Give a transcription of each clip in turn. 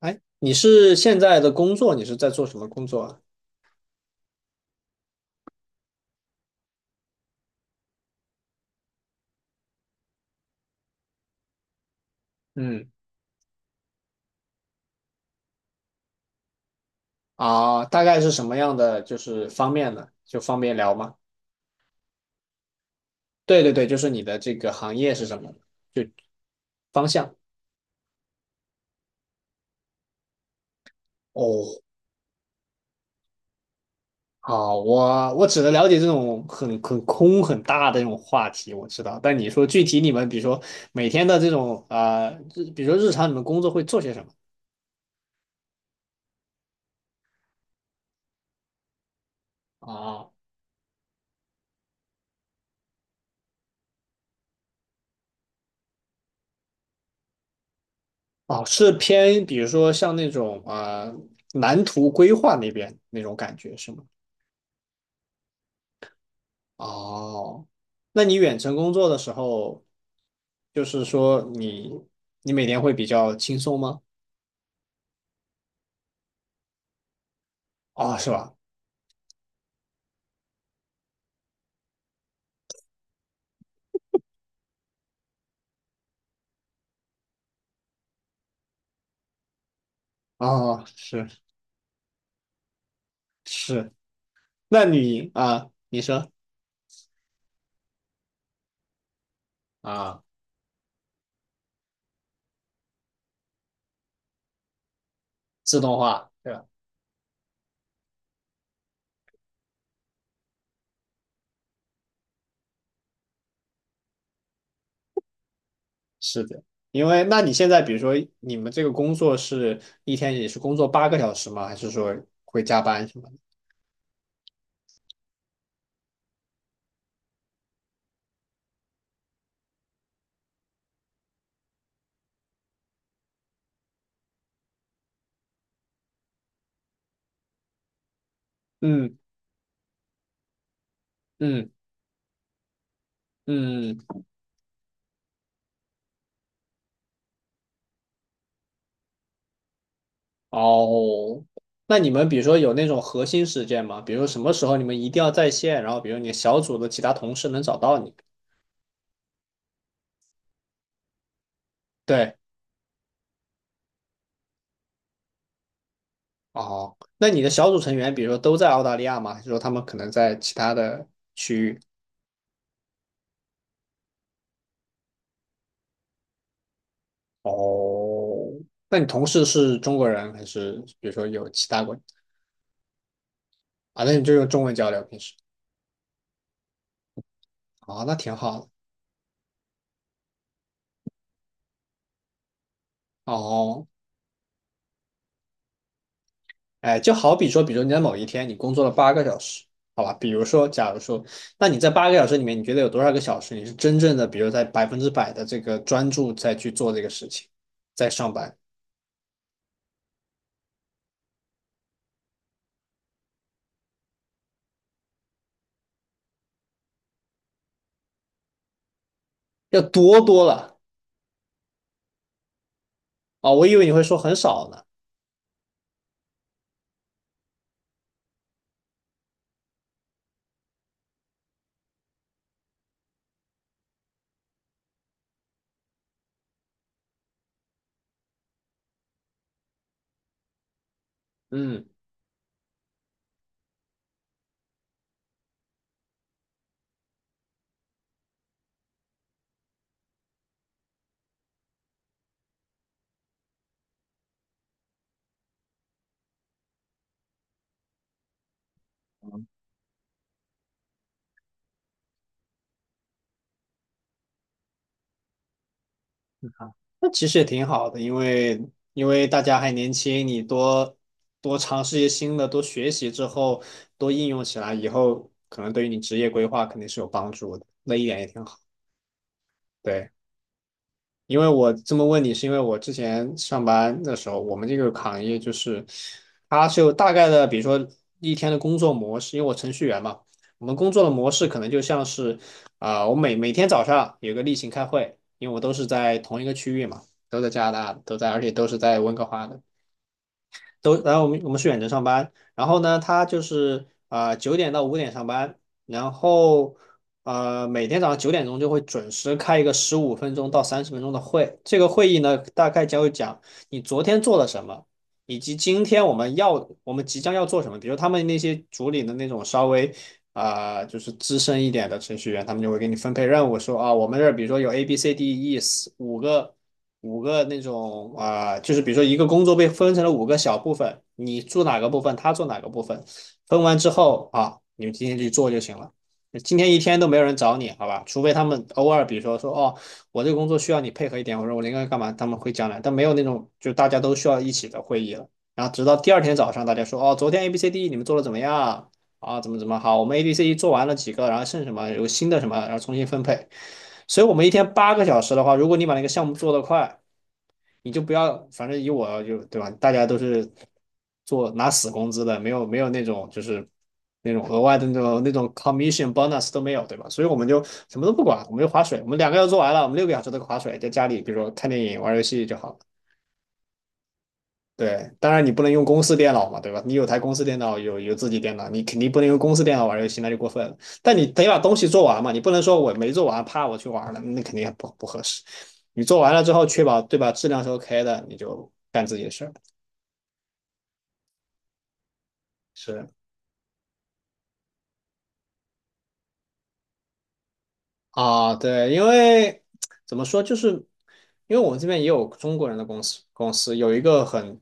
哎，你是现在的工作，你是在做什么工作啊？嗯，啊，大概是什么样的就是方面呢？就方便聊吗？对对对，就是你的这个行业是什么？就方向。哦，好，我只能了解这种很空很大的这种话题，我知道。但你说具体你们，比如说每天的这种比如说日常你们工作会做些什么？啊，哦，是偏比如说像那种蓝图规划那边那种感觉是吗？哦，那你远程工作的时候，就是说你每天会比较轻松吗？哦，是吧？哦，是是，那你啊，你说啊，自动化，对吧？是的，因为那你现在比如说你们这个工作是一天也是工作八个小时吗？还是说会加班什么的？嗯嗯嗯，哦，那你们比如说有那种核心事件吗？比如说什么时候你们一定要在线，然后比如你小组的其他同事能找到你。对，哦，那你的小组成员，比如说都在澳大利亚吗？还是说他们可能在其他的区域？哦，那你同事是中国人还是比如说有其他国啊？那你就用中文交流平时？哦，那挺好的。哦，哎，就好比说，比如你在某一天你工作了八个小时，好吧？比如说，假如说，那你在八个小时里面，你觉得有多少个小时你是真正的，比如在100%的这个专注在去做这个事情，在上班，要多多了啊，我以为你会说很少呢，嗯，那其实也挺好的，因为大家还年轻，你多多尝试一些新的，多学习之后，多应用起来，以后可能对于你职业规划肯定是有帮助的，那一点也挺好，对。因为我这么问你，是因为我之前上班的时候，我们这个行业就是，它是有大概的，比如说一天的工作模式，因为我程序员嘛，我们工作的模式可能就像是，啊、我每天早上有个例行开会，因为我都是在同一个区域嘛，都在加拿大，而且都是在温哥华的，然后我们是远程上班，然后呢，他就是啊九点到5点上班，然后每天早上9点钟就会准时开一个15分钟到30分钟的会，这个会议呢大概将会讲你昨天做了什么，以及今天我们即将要做什么，比如他们那些组里的那种稍微。啊、就是资深一点的程序员，他们就会给你分配任务，说啊，我们这儿比如说有 A、B、C、D、E 四五个五个那种啊、就是比如说一个工作被分成了五个小部分，你做哪个部分，他做哪个部分，分完之后啊，你们今天去做就行了。今天一天都没有人找你，好吧？除非他们偶尔，比如说哦，我这个工作需要你配合一点，我说我应个干嘛，他们会讲来，但没有那种就大家都需要一起的会议了。然后直到第二天早上，大家说哦，昨天 A B C D 你们做的怎么样啊？怎么好？我们 A B C D 做完了几个，然后剩什么有新的什么，然后重新分配。所以我们一天八个小时的话，如果你把那个项目做得快，你就不要，反正以我就对吧？大家都是做拿死工资的，没有那种就是那种额外的那种 commission bonus 都没有，对吧？所以我们就什么都不管，我们就划水，我们两个要做完了，我们6个小时都划水，在家里比如说看电影、玩游戏就好。对，当然你不能用公司电脑嘛，对吧？你有台公司电脑，有自己电脑，你肯定不能用公司电脑玩游戏，那就过分了。但你得把东西做完嘛，你不能说我没做完，怕我去玩了，那肯定不合适。你做完了之后，确保对吧，质量是 OK 的，你就干自己的事儿。是，啊，对，因为怎么说，就是因为我们这边也有中国人的公司，公司有一个很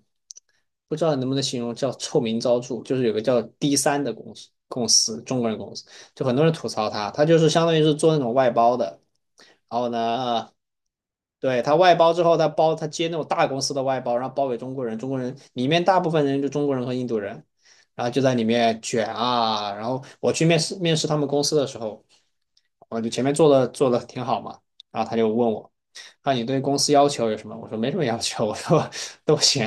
不知道能不能形容叫臭名昭著，就是有个叫 D3的公司，公司中国人公司，就很多人吐槽他，他就是相当于是做那种外包的，然后呢。对，他外包之后，他接那种大公司的外包，然后包给中国人，中国人里面大部分人就中国人和印度人，然后就在里面卷啊。然后我去面试他们公司的时候，我就前面做的挺好嘛，然后他就问我，啊，你对公司要求有什么？我说没什么要求，我说都行。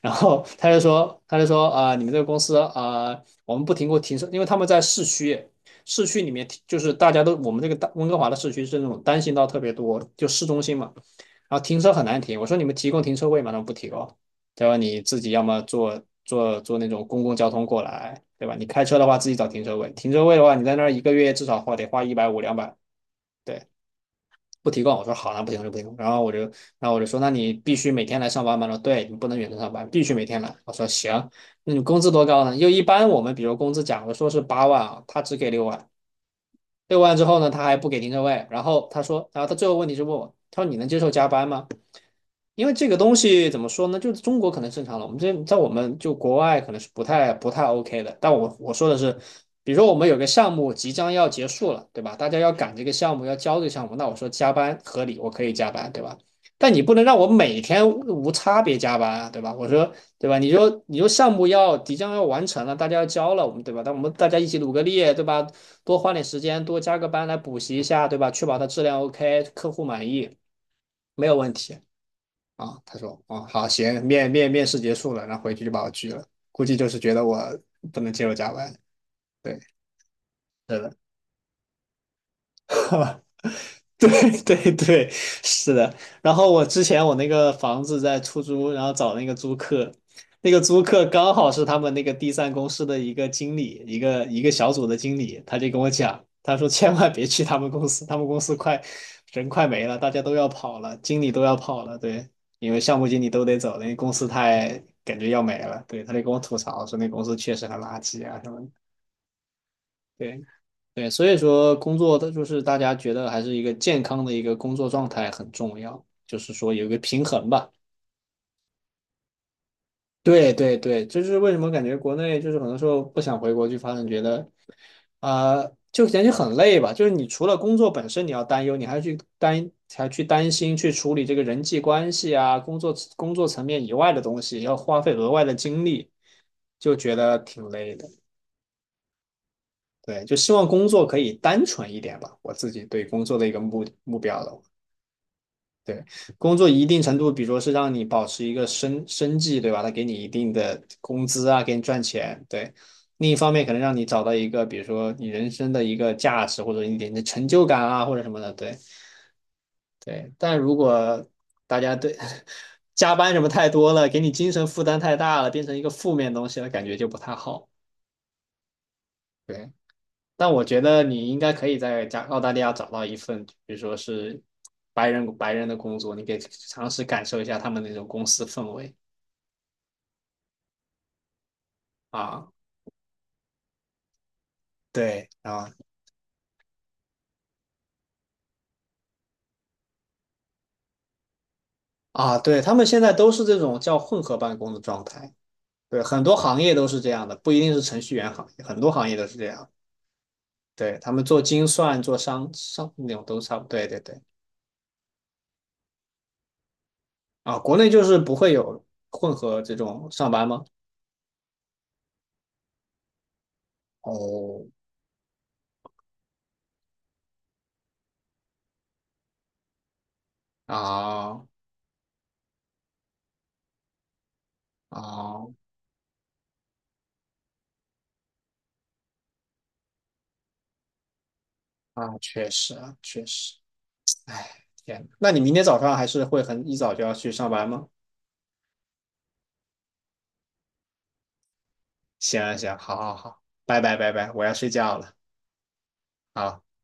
然后他就说啊、你们这个公司啊、我们不停过停车，因为他们在市区。市区里面就是大家都，我们这个大温哥华的市区是那种单行道特别多，就市中心嘛。然后停车很难停，我说你们提供停车位吗？他们不提供，他说你自己要么坐那种公共交通过来，对吧？你开车的话自己找停车位，停车位的话你在那儿一个月至少花得花150200，对，不提供。我说好，那不行就不提供。然后我就说那你必须每天来上班吗？他说对，你不能远程上班，必须每天来。我说行，那你工资多高呢？又一般我们比如工资假如说是8万啊，他只给六万，六万之后呢他还不给停车位，然后他说，然后他最后问题是问我，他说你能接受加班吗？因为这个东西怎么说呢？就是中国可能正常了，我们这在我们就国外可能是不太 OK 的。但我说的是，比如说我们有个项目即将要结束了，对吧？大家要赶这个项目，要交这个项目，那我说加班合理，我可以加班，对吧？但你不能让我每天无差别加班啊，对吧？我说，对吧？你说项目要即将要完成了，大家要交了，我们对吧？但我们大家一起努个力，对吧？多花点时间，多加个班来补习一下，对吧？确保它质量 OK，客户满意，没有问题。啊，他说哦好行，面试结束了，然后回去就把我拒了，估计就是觉得我不能接受加班。对，是的 对对对，是的。然后我之前我那个房子在出租，然后找那个租客，那个租客刚好是他们那个第三公司的一个经理，一个小组的经理，他就跟我讲，他说千万别去他们公司，他们公司快人快没了，大家都要跑了，经理都要跑了，对，因为项目经理都得走了，那公司太感觉要没了，对，他就跟我吐槽说那公司确实很垃圾啊什么的，对。对，所以说工作的就是大家觉得还是一个健康的一个工作状态很重要，就是说有一个平衡吧。对对对，这是为什么感觉国内就是很多时候不想回国去发展，觉得啊、就感觉很累吧。就是你除了工作本身你要担忧，你还要去担心去处理这个人际关系啊，工作层面以外的东西，要花费额外的精力，就觉得挺累的。对，就希望工作可以单纯一点吧，我自己对工作的一个目标了。对，工作一定程度，比如说是让你保持一个生计，对吧？他给你一定的工资啊，给你赚钱，对。另一方面，可能让你找到一个，比如说你人生的一个价值，或者一点的成就感啊，或者什么的，对对。但如果大家对 加班什么太多了，给你精神负担太大了，变成一个负面东西了，感觉就不太好。对。但我觉得你应该可以在澳大利亚找到一份，比如说是白人的工作，你可以尝试感受一下他们那种公司氛围啊。对啊啊，对，他们现在都是这种叫混合办公的状态。对，很多行业都是这样的，不一定是程序员行业，很多行业都是这样。对，他们做精算、做商那种都差不多。对对对啊，国内就是不会有混合这种上班吗？哦，啊啊啊，确实啊，确实。天，那你明天早上还是会很一早就要去上班吗？行啊行啊好好好，拜拜拜拜，我要睡觉了，好。